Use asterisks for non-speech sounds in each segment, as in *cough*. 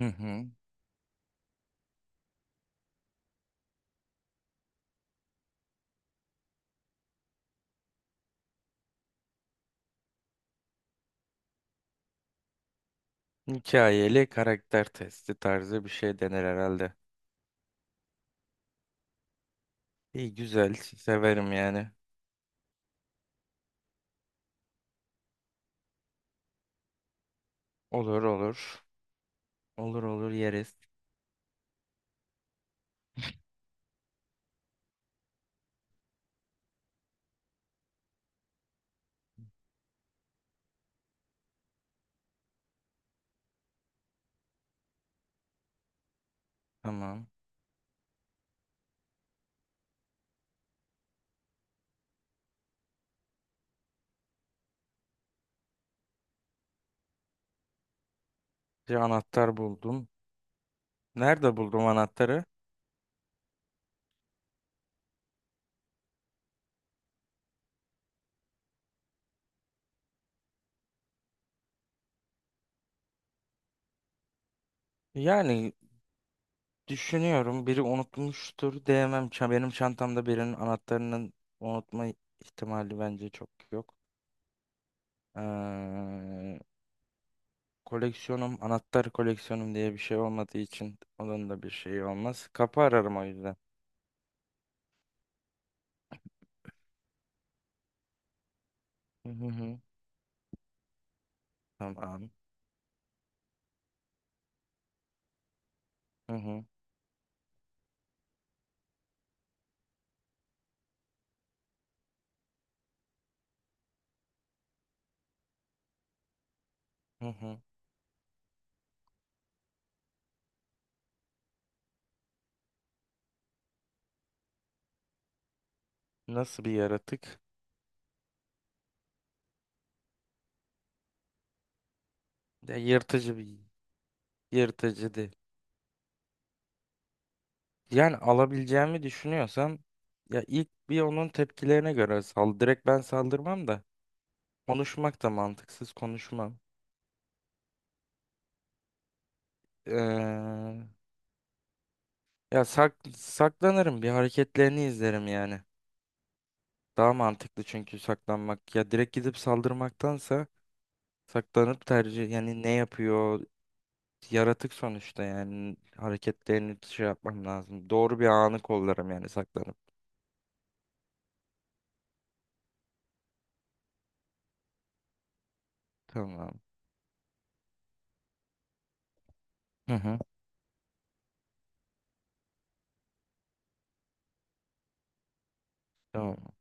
Hı hı. Hikayeli karakter testi tarzı bir şey denir herhalde. İyi güzel severim yani. Olur olur. Olur olur yeriz. Tamam. Bir anahtar buldum. Nerede buldum anahtarı? Yani düşünüyorum biri unutmuştur diyemem. Benim çantamda birinin anahtarının unutma ihtimali bence çok yok. Ee, Koleksiyonum anahtar koleksiyonum diye bir şey olmadığı için onun da bir şeyi olmaz. Kapı ararım o yüzden. Hı hı hı. Tamam. Hı hı. Hı hı. Nasıl bir yaratık? Ya yırtıcı bir yırtıcı değil. Yani alabileceğimi düşünüyorsam ya ilk bir onun tepkilerine göre sal. Direkt ben saldırmam da konuşmak da mantıksız konuşmam. Ee, Ya saklanırım bir hareketlerini izlerim yani. Daha mantıklı çünkü saklanmak. Ya direkt gidip saldırmaktansa saklanıp tercih yani ne yapıyor yaratık sonuçta yani hareketlerini şey yapmam lazım. Doğru bir anı kollarım yani saklanıp. Tamam. Hı hı. Tamam.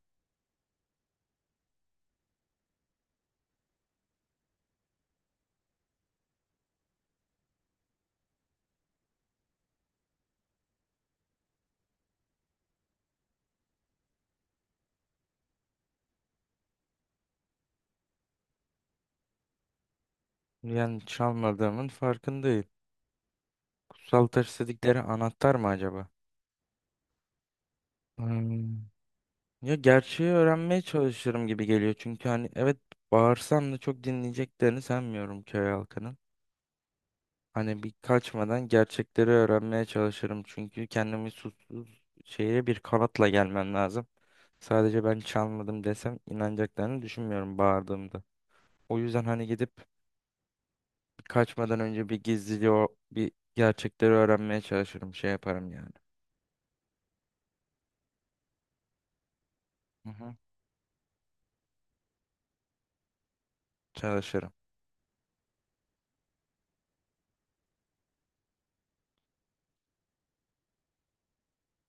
Yani çalmadığımın farkındayım. Kutsal taş dedikleri anahtar mı acaba? Hmm. Ya gerçeği öğrenmeye çalışırım gibi geliyor. Çünkü hani evet, bağırsam da çok dinleyeceklerini sanmıyorum köy halkının. Hani bir kaçmadan gerçekleri öğrenmeye çalışırım. Çünkü kendimi suçsuz şeye bir kanatla gelmem lazım. Sadece ben çalmadım desem inanacaklarını düşünmüyorum bağırdığımda. O yüzden hani gidip kaçmadan önce bir gizliliği o bir gerçekleri öğrenmeye çalışırım. Şey yaparım yani. Hı hı. Çalışırım.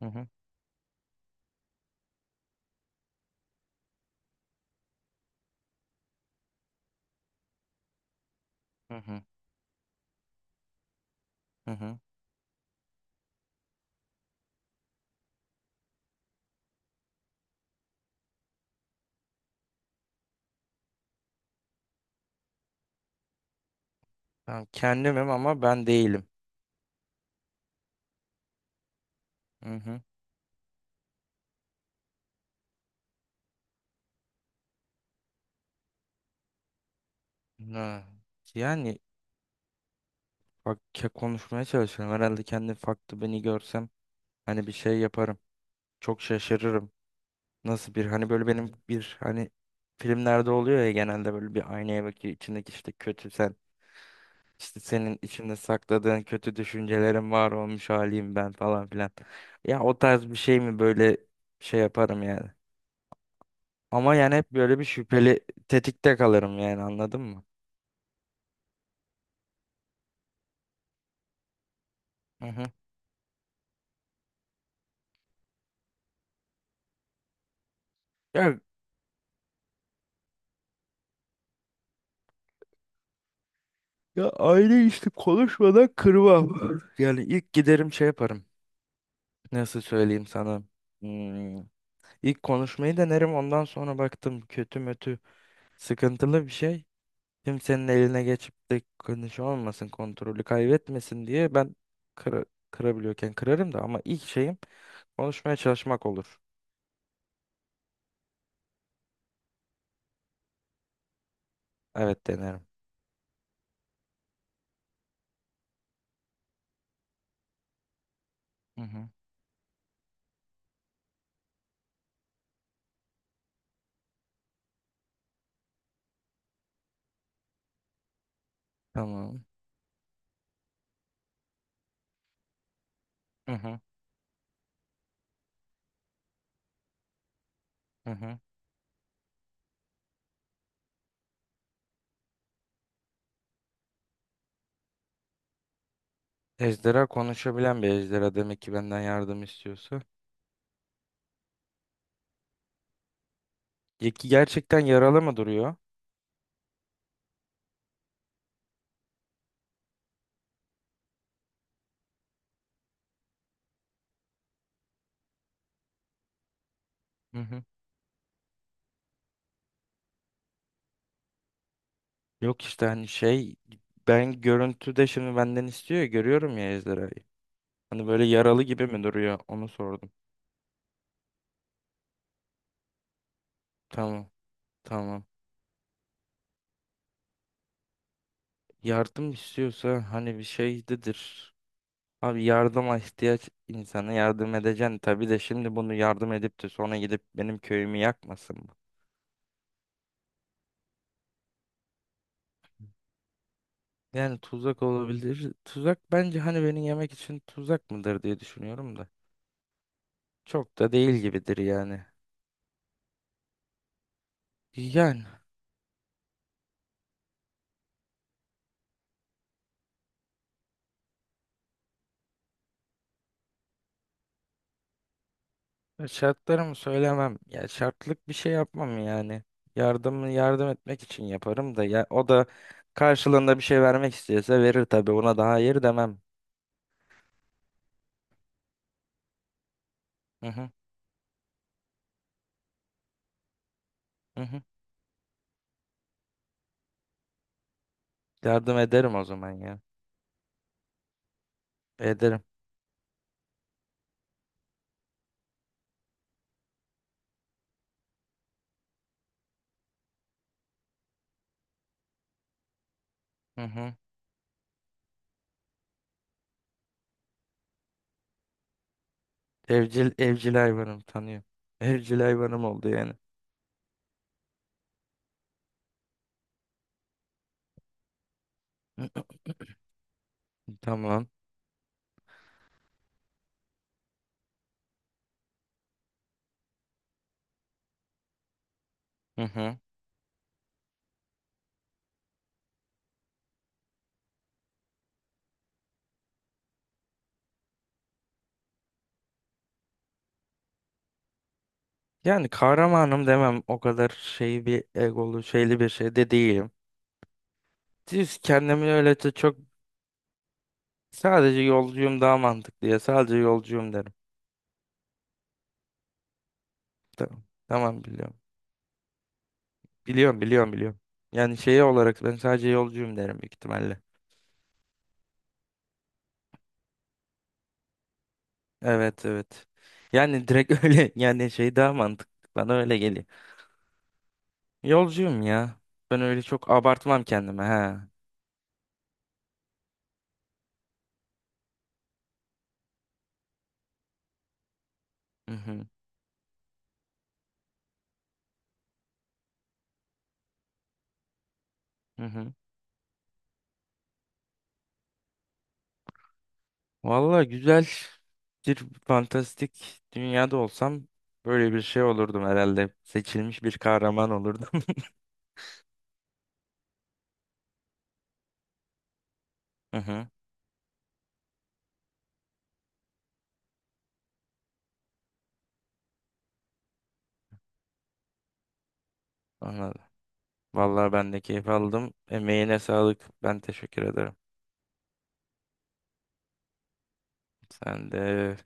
Hı hı. Hı hı. Hı hı. Ben kendimim ama ben değilim. Hı hı. Ha. Yani bak konuşmaya çalışıyorum. Herhalde kendi farklı beni görsem hani bir şey yaparım. Çok şaşırırım. Nasıl bir hani böyle benim bir hani filmlerde oluyor ya genelde böyle bir aynaya bakıyor içindeki işte kötü sen. İşte senin içinde sakladığın kötü düşüncelerin var olmuş haliyim ben falan filan. Ya o tarz bir şey mi böyle şey yaparım yani. Ama yani hep böyle bir şüpheli tetikte kalırım yani anladın mı? Hı hı. Ya, ya işte konuşmadan kırmam. Yani ilk giderim şey yaparım. Nasıl söyleyeyim sana? Hmm. İlk konuşmayı denerim ondan sonra baktım kötü mötü sıkıntılı bir şey. Kimsenin eline geçip de konuşu olmasın, kontrolü kaybetmesin diye ben kıra- kırabiliyorken kırarım da ama ilk şeyim konuşmaya çalışmak olur. Evet denerim. Hı hı. Tamam. Hı hı. Hı hı. Ejderha konuşabilen bir ejderha demek ki benden yardım istiyorsa. Ya ki gerçekten yaralı mı duruyor? Hı hı. Yok işte hani şey ben görüntüde şimdi benden istiyor ya görüyorum ya ejderhayı. Hani böyle yaralı gibi mi duruyor? Onu sordum. Tamam. Tamam. Yardım istiyorsa hani bir şeydedir. Abi yardıma ihtiyaç insana yardım edeceksin tabii de şimdi bunu yardım edip de sonra gidip benim köyümü yakmasın mı? Yani tuzak olabilir. Tuzak bence hani beni yemek için tuzak mıdır diye düşünüyorum da. Çok da değil gibidir yani. Yani şartlarımı söylemem. Ya şartlık bir şey yapmam yani. Yardımı yardım etmek için yaparım da ya o da karşılığında bir şey vermek istiyorsa verir tabii. Ona daha hayır demem. Hı hı. Hı hı. Yardım ederim o zaman ya. Ederim. Hı hı. Evcil hayvanım tanıyorum. Evcil hayvanım oldu yani. *laughs* *clears throat* Tamam. Hı hı. Yani kahramanım demem o kadar şey bir egolu şeyli bir şey de değilim. Siz kendimi öyle de çok sadece yolcuyum daha mantıklı ya sadece yolcuyum derim. Tamam. Tamam biliyorum. Biliyorum, biliyorum, biliyorum. Yani şey olarak ben sadece yolcuyum derim büyük ihtimalle. Evet, evet. Yani direkt *laughs* öyle yani şey daha mantıklı. Bana öyle geliyor. Yolcuyum ya. Ben öyle çok abartmam kendime. He. Hı hı, hı hı. Valla güzel bir fantastik dünyada olsam böyle bir şey olurdum herhalde. Seçilmiş bir kahraman olurdum. *laughs* Hı hı, anladım. Valla ben de keyif aldım. Emeğine sağlık. Ben teşekkür ederim. Sen de.